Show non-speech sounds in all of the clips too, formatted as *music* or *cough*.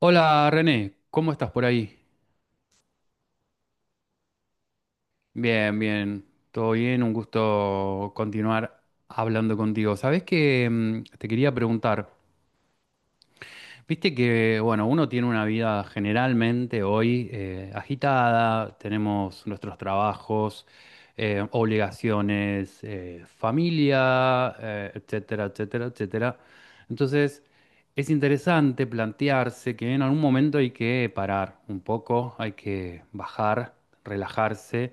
Hola René, ¿cómo estás por ahí? Bien, bien, todo bien, un gusto continuar hablando contigo. Sabes que te quería preguntar, viste que, bueno, uno tiene una vida generalmente hoy agitada, tenemos nuestros trabajos, obligaciones, familia, etcétera, etcétera, etcétera. Entonces, es interesante plantearse que en algún momento hay que parar un poco, hay que bajar, relajarse.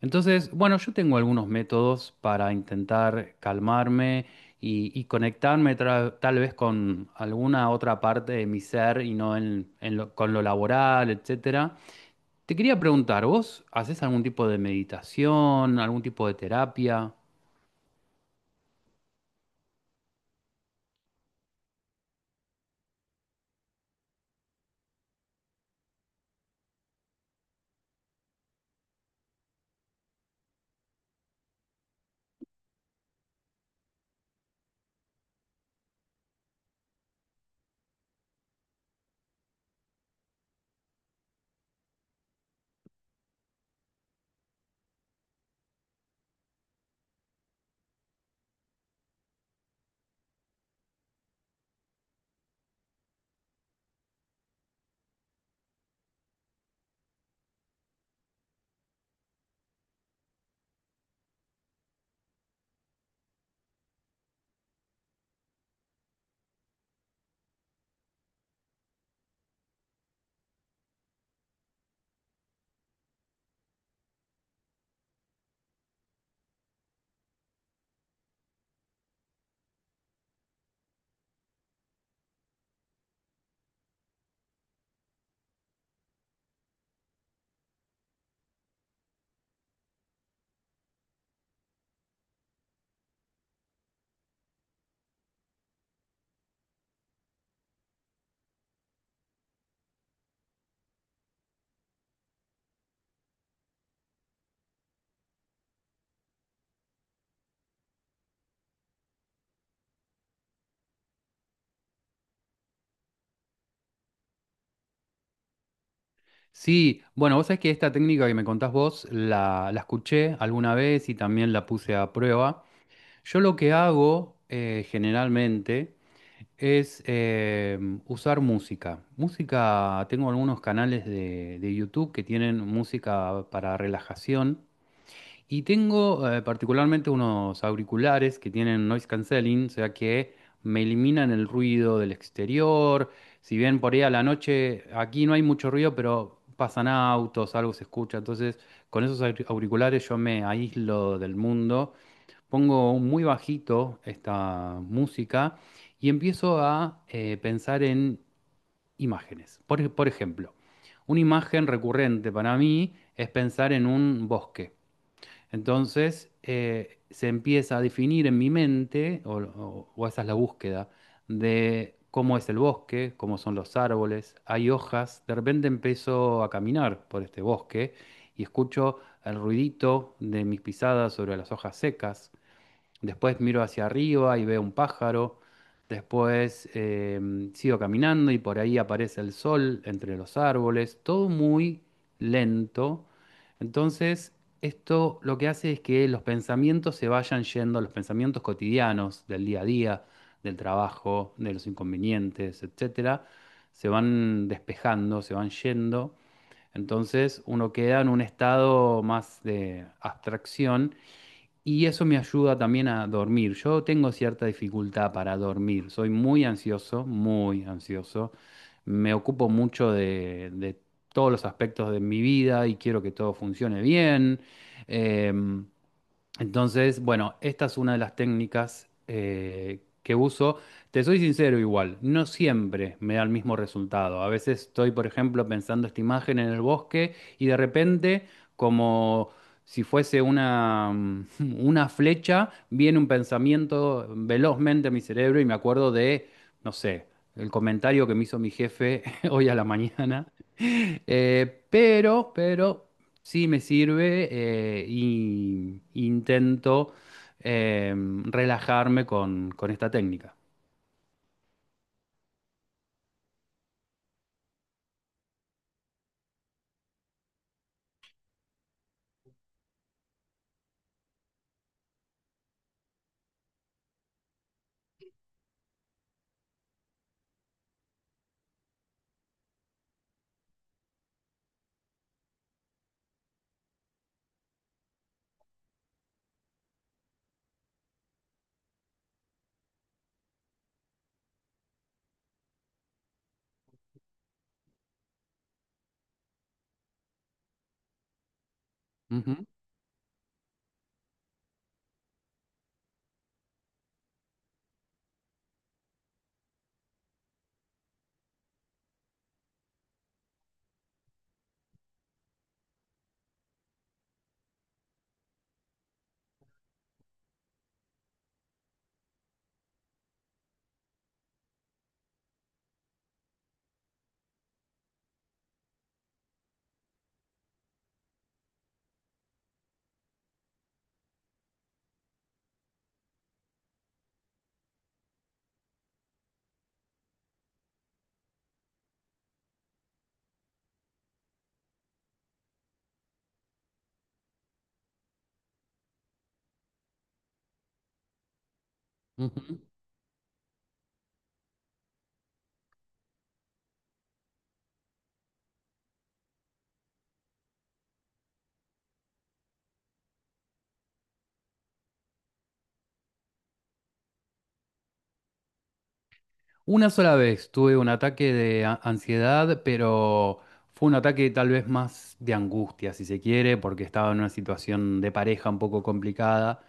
Entonces, bueno, yo tengo algunos métodos para intentar calmarme y conectarme tal vez con alguna otra parte de mi ser y no con lo laboral, etcétera. Te quería preguntar, ¿vos haces algún tipo de meditación, algún tipo de terapia? Sí, bueno, vos sabés que esta técnica que me contás vos la escuché alguna vez y también la puse a prueba. Yo lo que hago generalmente es usar música. Música, tengo algunos canales de YouTube que tienen música para relajación y tengo particularmente unos auriculares que tienen noise cancelling, o sea que me eliminan el ruido del exterior. Si bien por ahí a la noche aquí no hay mucho ruido, pero pasan autos, algo se escucha. Entonces, con esos auriculares yo me aíslo del mundo. Pongo muy bajito esta música y empiezo a pensar en imágenes. Por, por ejemplo, una imagen recurrente para mí es pensar en un bosque. Entonces, se empieza a definir en mi mente, o esa es la búsqueda, de cómo es el bosque, cómo son los árboles, hay hojas. De repente empiezo a caminar por este bosque y escucho el ruidito de mis pisadas sobre las hojas secas. Después miro hacia arriba y veo un pájaro. Después sigo caminando y por ahí aparece el sol entre los árboles. Todo muy lento. Entonces, esto lo que hace es que los pensamientos se vayan yendo, los pensamientos cotidianos del día a día, del trabajo, de los inconvenientes, etcétera, se van despejando, se van yendo. Entonces, uno queda en un estado más de abstracción y eso me ayuda también a dormir. Yo tengo cierta dificultad para dormir. Soy muy ansioso, muy ansioso. Me ocupo mucho de todos los aspectos de mi vida y quiero que todo funcione bien. Em, entonces, bueno, esta es una de las técnicas que uso. Te soy sincero igual, no siempre me da el mismo resultado. A veces estoy, por ejemplo, pensando esta imagen en el bosque y de repente, como si fuese una, *laughs* una flecha, viene un pensamiento velozmente a mi cerebro y me acuerdo de, no sé, el comentario que me hizo mi jefe *laughs* hoy a la mañana. *laughs* Pero... Sí, me sirve y intento relajarme con esta técnica. Ujú, ujú. Una sola vez tuve un ataque de ansiedad, pero fue un ataque tal vez más de angustia, si se quiere, porque estaba en una situación de pareja un poco complicada.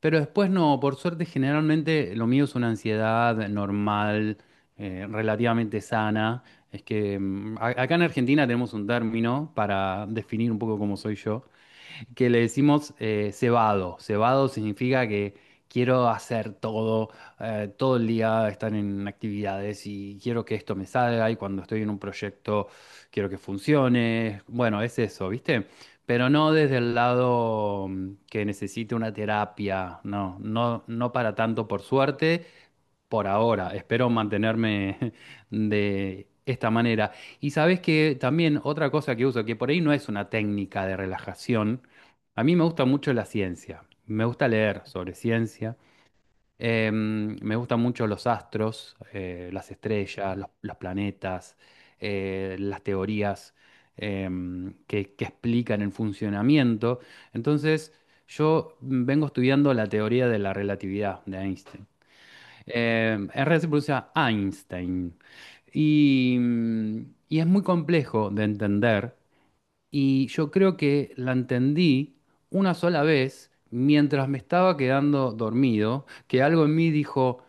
Pero después no, por suerte generalmente lo mío es una ansiedad normal, relativamente sana. Es que acá en Argentina tenemos un término para definir un poco cómo soy yo, que le decimos cebado. Cebado significa que quiero hacer todo, todo el día estar en actividades y quiero que esto me salga y cuando estoy en un proyecto quiero que funcione. Bueno, es eso, ¿viste? Pero no desde el lado que necesite una terapia, no, no, no para tanto por suerte por ahora, espero mantenerme *laughs* de esta manera. Y sabes que también otra cosa que uso, que por ahí no es una técnica de relajación, a mí me gusta mucho la ciencia, me gusta leer sobre ciencia, me gustan mucho los astros, las estrellas, los planetas, las teorías eh, que explican el funcionamiento. Entonces, yo vengo estudiando la teoría de la relatividad de Einstein. En se pronuncia Einstein. Y, y es muy complejo de entender. Y yo creo que la entendí una sola vez mientras me estaba quedando dormido, que algo en mí dijo,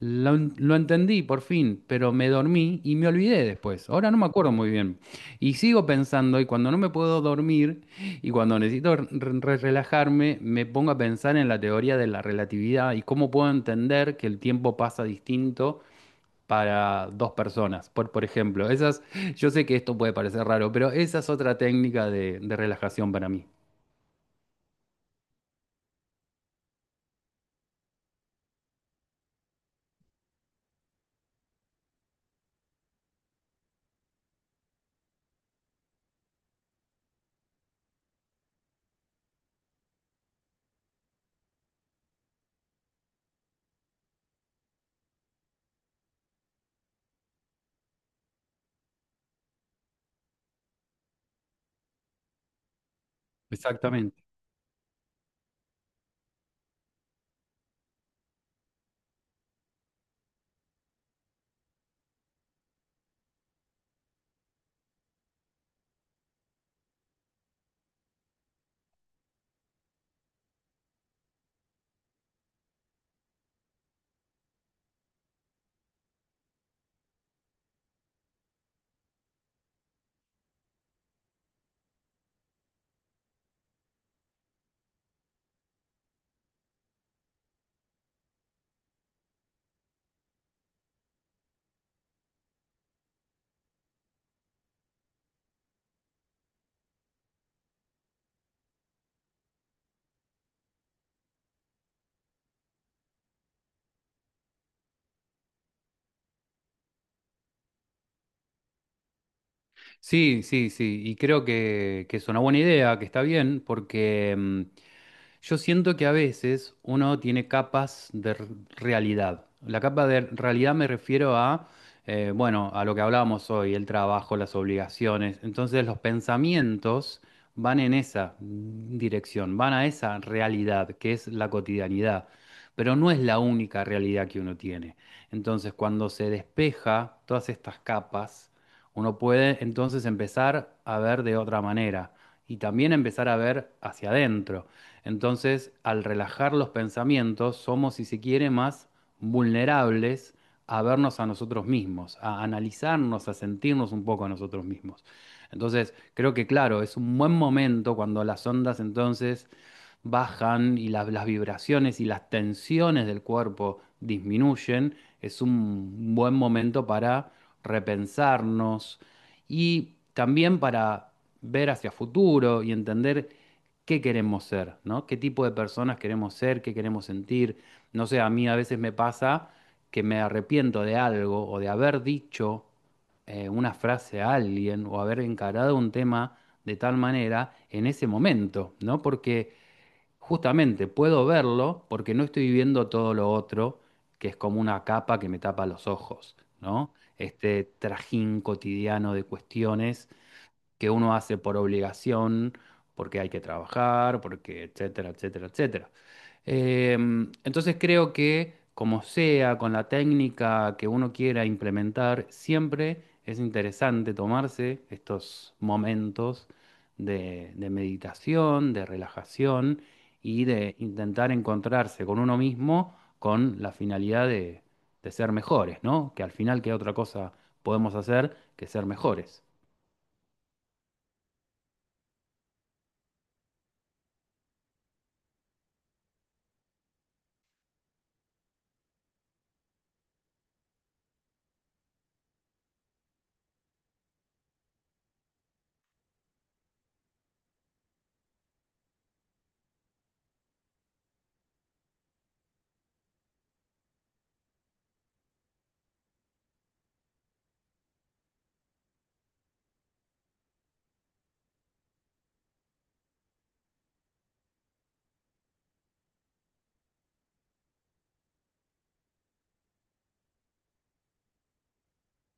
lo entendí por fin, pero me dormí y me olvidé después. Ahora no me acuerdo muy bien. Y sigo pensando, y cuando no me puedo dormir y cuando necesito relajarme, me pongo a pensar en la teoría de la relatividad y cómo puedo entender que el tiempo pasa distinto para dos personas. Por ejemplo, esas, yo sé que esto puede parecer raro, pero esa es otra técnica de relajación para mí. Exactamente. Sí, sí, sí. Y creo que es una buena idea, que está bien, porque... yo siento que a veces uno tiene capas de realidad. La capa de realidad me refiero a, bueno, a lo que hablábamos hoy, el trabajo, las obligaciones. Entonces los pensamientos van en esa dirección, van a esa realidad que es la cotidianidad, pero no es la única realidad que uno tiene. Entonces cuando se despeja todas estas capas, uno puede entonces empezar a ver de otra manera y también empezar a ver hacia adentro. Entonces, al relajar los pensamientos, somos, si se quiere, más vulnerables a vernos a nosotros mismos, a analizarnos, a sentirnos un poco a nosotros mismos. Entonces, creo que claro, es un buen momento cuando las ondas entonces bajan y las vibraciones y las tensiones del cuerpo disminuyen, es un buen momento para repensarnos y también para ver hacia futuro y entender qué queremos ser, ¿no? ¿Qué tipo de personas queremos ser? ¿Qué queremos sentir? No sé, a mí a veces me pasa que me arrepiento de algo o de haber dicho una frase a alguien o haber encarado un tema de tal manera en ese momento, ¿no? Porque justamente puedo verlo porque no estoy viendo todo lo otro, que es como una capa que me tapa los ojos, ¿no? Este trajín cotidiano de cuestiones que uno hace por obligación, porque hay que trabajar, porque etcétera, etcétera, etcétera. Entonces creo que como sea, con la técnica que uno quiera implementar, siempre es interesante tomarse estos momentos de meditación, de relajación y de intentar encontrarse con uno mismo con la finalidad de ser mejores, ¿no? Que al final, ¿qué otra cosa podemos hacer que ser mejores?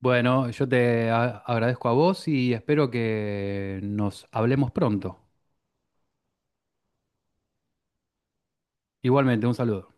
Bueno, yo te agradezco a vos y espero que nos hablemos pronto. Igualmente, un saludo.